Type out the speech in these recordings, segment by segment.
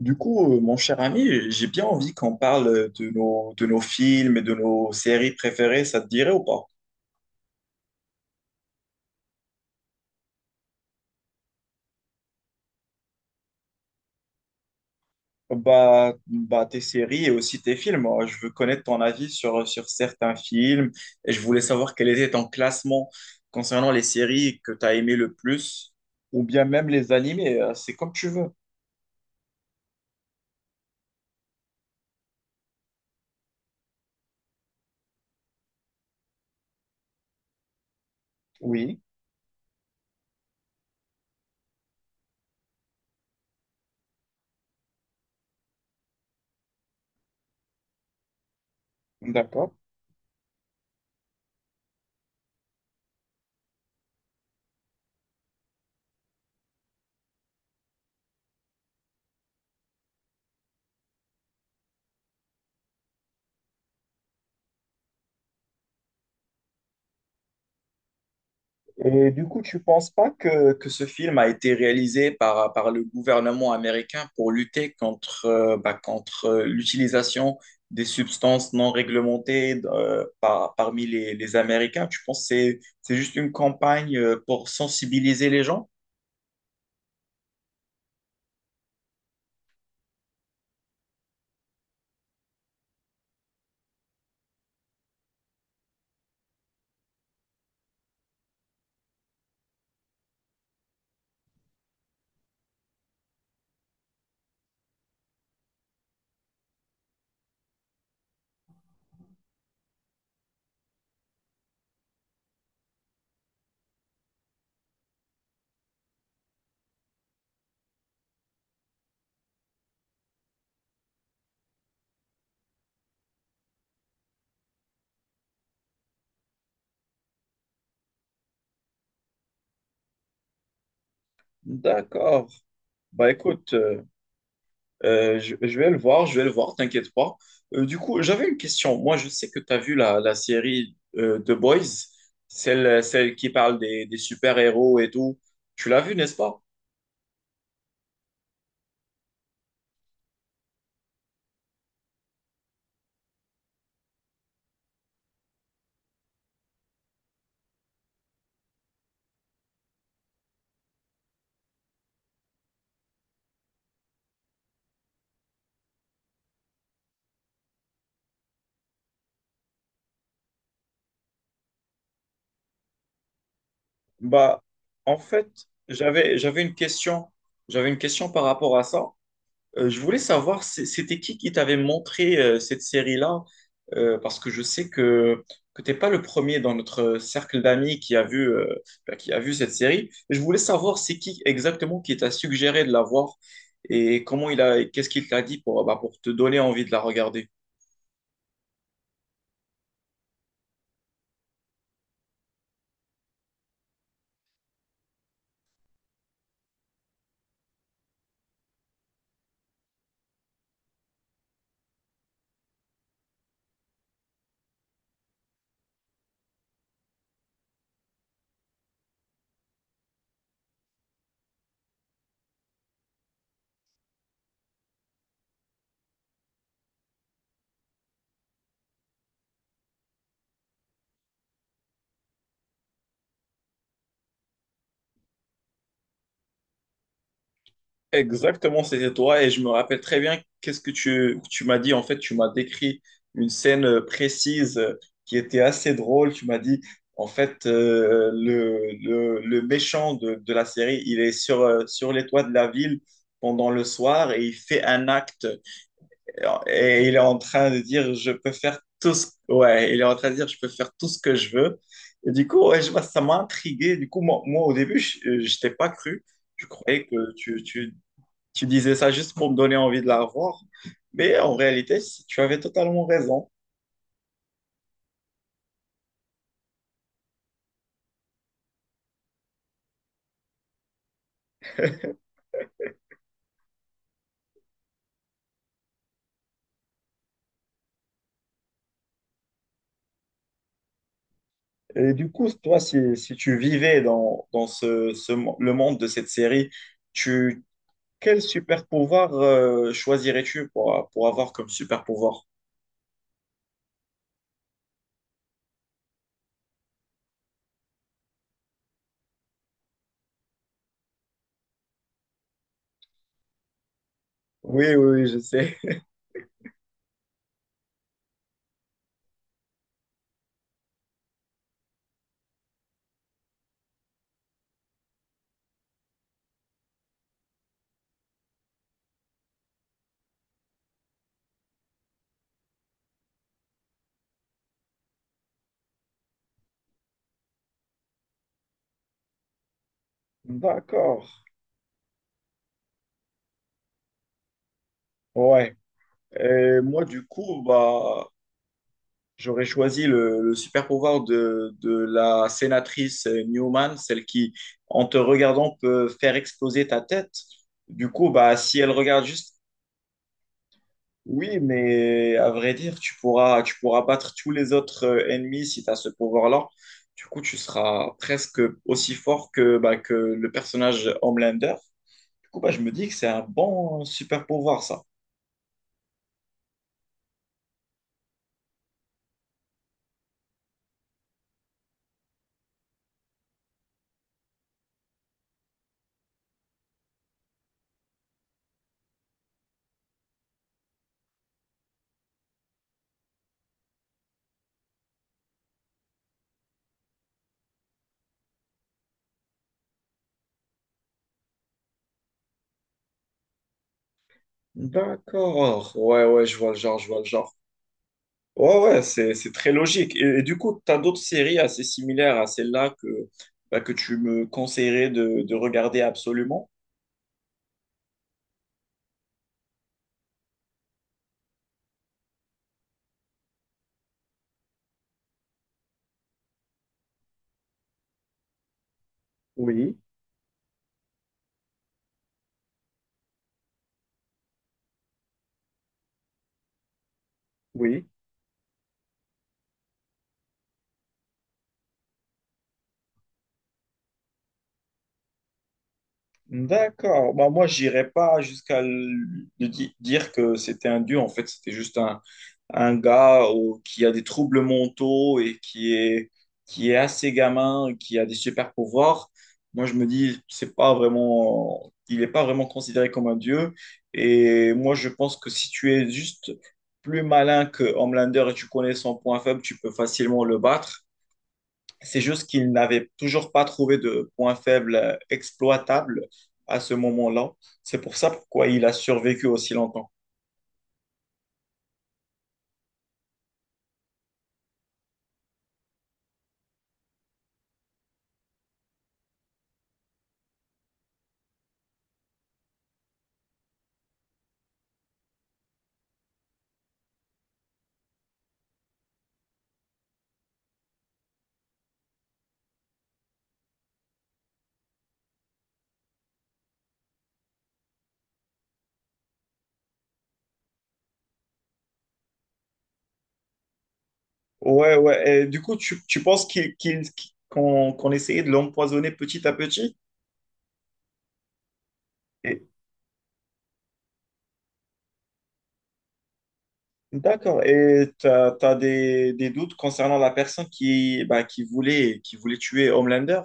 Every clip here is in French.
Du coup, mon cher ami, j'ai bien envie qu'on parle de nos films et de nos séries préférées, ça te dirait ou pas? Tes séries et aussi tes films. Je veux connaître ton avis sur certains films et je voulais savoir quel était ton classement concernant les séries que tu as aimées le plus ou bien même les animés. C'est comme tu veux. Oui, d'accord. Et du coup, tu penses pas que ce film a été réalisé par le gouvernement américain pour lutter contre, contre l'utilisation des substances non réglementées parmi les Américains? Tu penses que c'est juste une campagne pour sensibiliser les gens? D'accord. Bah écoute. Je vais le voir, je vais le voir, t'inquiète pas. Du coup, j'avais une question. Moi, je sais que tu as vu la série The Boys, celle qui parle des super-héros et tout. Tu l'as vue, n'est-ce pas? Bah, en fait, j'avais une question. J'avais une question par rapport à ça. Je voulais savoir, c'était qui t'avait montré cette série-là? Parce que je sais que t'es pas le premier dans notre cercle d'amis qui a vu, qui a vu cette série. Je voulais savoir c'est qui exactement qui t'a suggéré de la voir et comment qu'est-ce qu'il t'a dit pour, bah, pour te donner envie de la regarder. Exactement, c'était toi et je me rappelle très bien qu'est-ce que tu m'as dit. En fait, tu m'as décrit une scène précise qui était assez drôle. Tu m'as dit, en fait, le méchant de la série, il est sur, sur les toits de la ville pendant le soir et il fait un acte et, il est en train de dire, je peux faire tout ce... Ouais, il est en train de dire, je peux faire tout ce que je veux. Et du coup, ouais, je ça m'a intrigué. Du coup, moi, au début, je pas cru. Je croyais que tu tu disais ça juste pour me donner envie de la voir, mais en réalité, tu avais totalement raison. Et du coup, toi, si tu vivais dans le monde de cette série, tu, quel super pouvoir choisirais-tu pour avoir comme super pouvoir? Oui, oui, oui, je sais. D'accord. Ouais. Et moi, du coup, bah, j'aurais choisi le super pouvoir de la sénatrice Newman, celle qui, en te regardant, peut faire exploser ta tête. Du coup, bah, si elle regarde juste, oui, mais à vrai dire, tu pourras battre tous les autres ennemis si tu as ce pouvoir-là. Du coup, tu seras presque aussi fort que, bah, que le personnage Homelander. Du coup, bah, je me dis que c'est un bon super pouvoir, ça. D'accord. Ouais, ouais, je vois le genre, je vois le genre. Ouais, ouais, c'est très logique. Et du coup, tu as d'autres séries assez similaires à celle-là que, bah, que tu me conseillerais de regarder absolument. Oui, oui. D'accord. Bah, moi, j'irais pas jusqu'à dire que c'était un dieu. En fait, c'était juste un gars qui a des troubles mentaux et qui est assez gamin, qui a des super pouvoirs. Moi, je me dis, c'est pas vraiment, il n'est pas vraiment considéré comme un dieu. Et moi, je pense que si tu es juste plus malin que Homelander et tu connais son point faible, tu peux facilement le battre. C'est juste qu'ils n'avaient toujours pas trouvé de point faible exploitable à ce moment-là. C'est pour ça pourquoi il a survécu aussi longtemps. Ouais, ouais. Et du coup, tu penses qu'on essayait de l'empoisonner petit à petit? Et- D'accord. Et tu as, des doutes concernant la personne qui, bah, qui voulait tuer Homelander?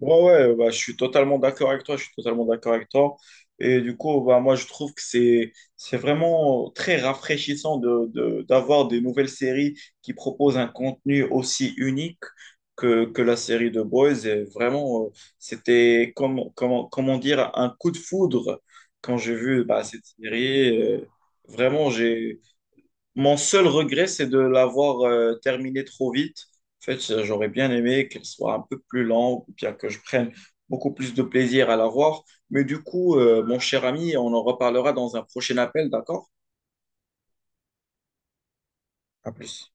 Ouais, ouais, bah, je suis totalement d'accord avec toi, je suis totalement d'accord avec toi. Et du coup, bah, moi, je trouve que c'est vraiment très rafraîchissant d'avoir des nouvelles séries qui proposent un contenu aussi unique que la série de Boys. Et vraiment, c'était, comme, comment dire, un coup de foudre quand j'ai vu bah, cette série. Vraiment, mon seul regret, c'est de l'avoir terminé trop vite. En fait, j'aurais bien aimé qu'elle soit un peu plus lente, ou bien que je prenne beaucoup plus de plaisir à la voir. Mais du coup, mon cher ami, on en reparlera dans un prochain appel, d'accord? À plus.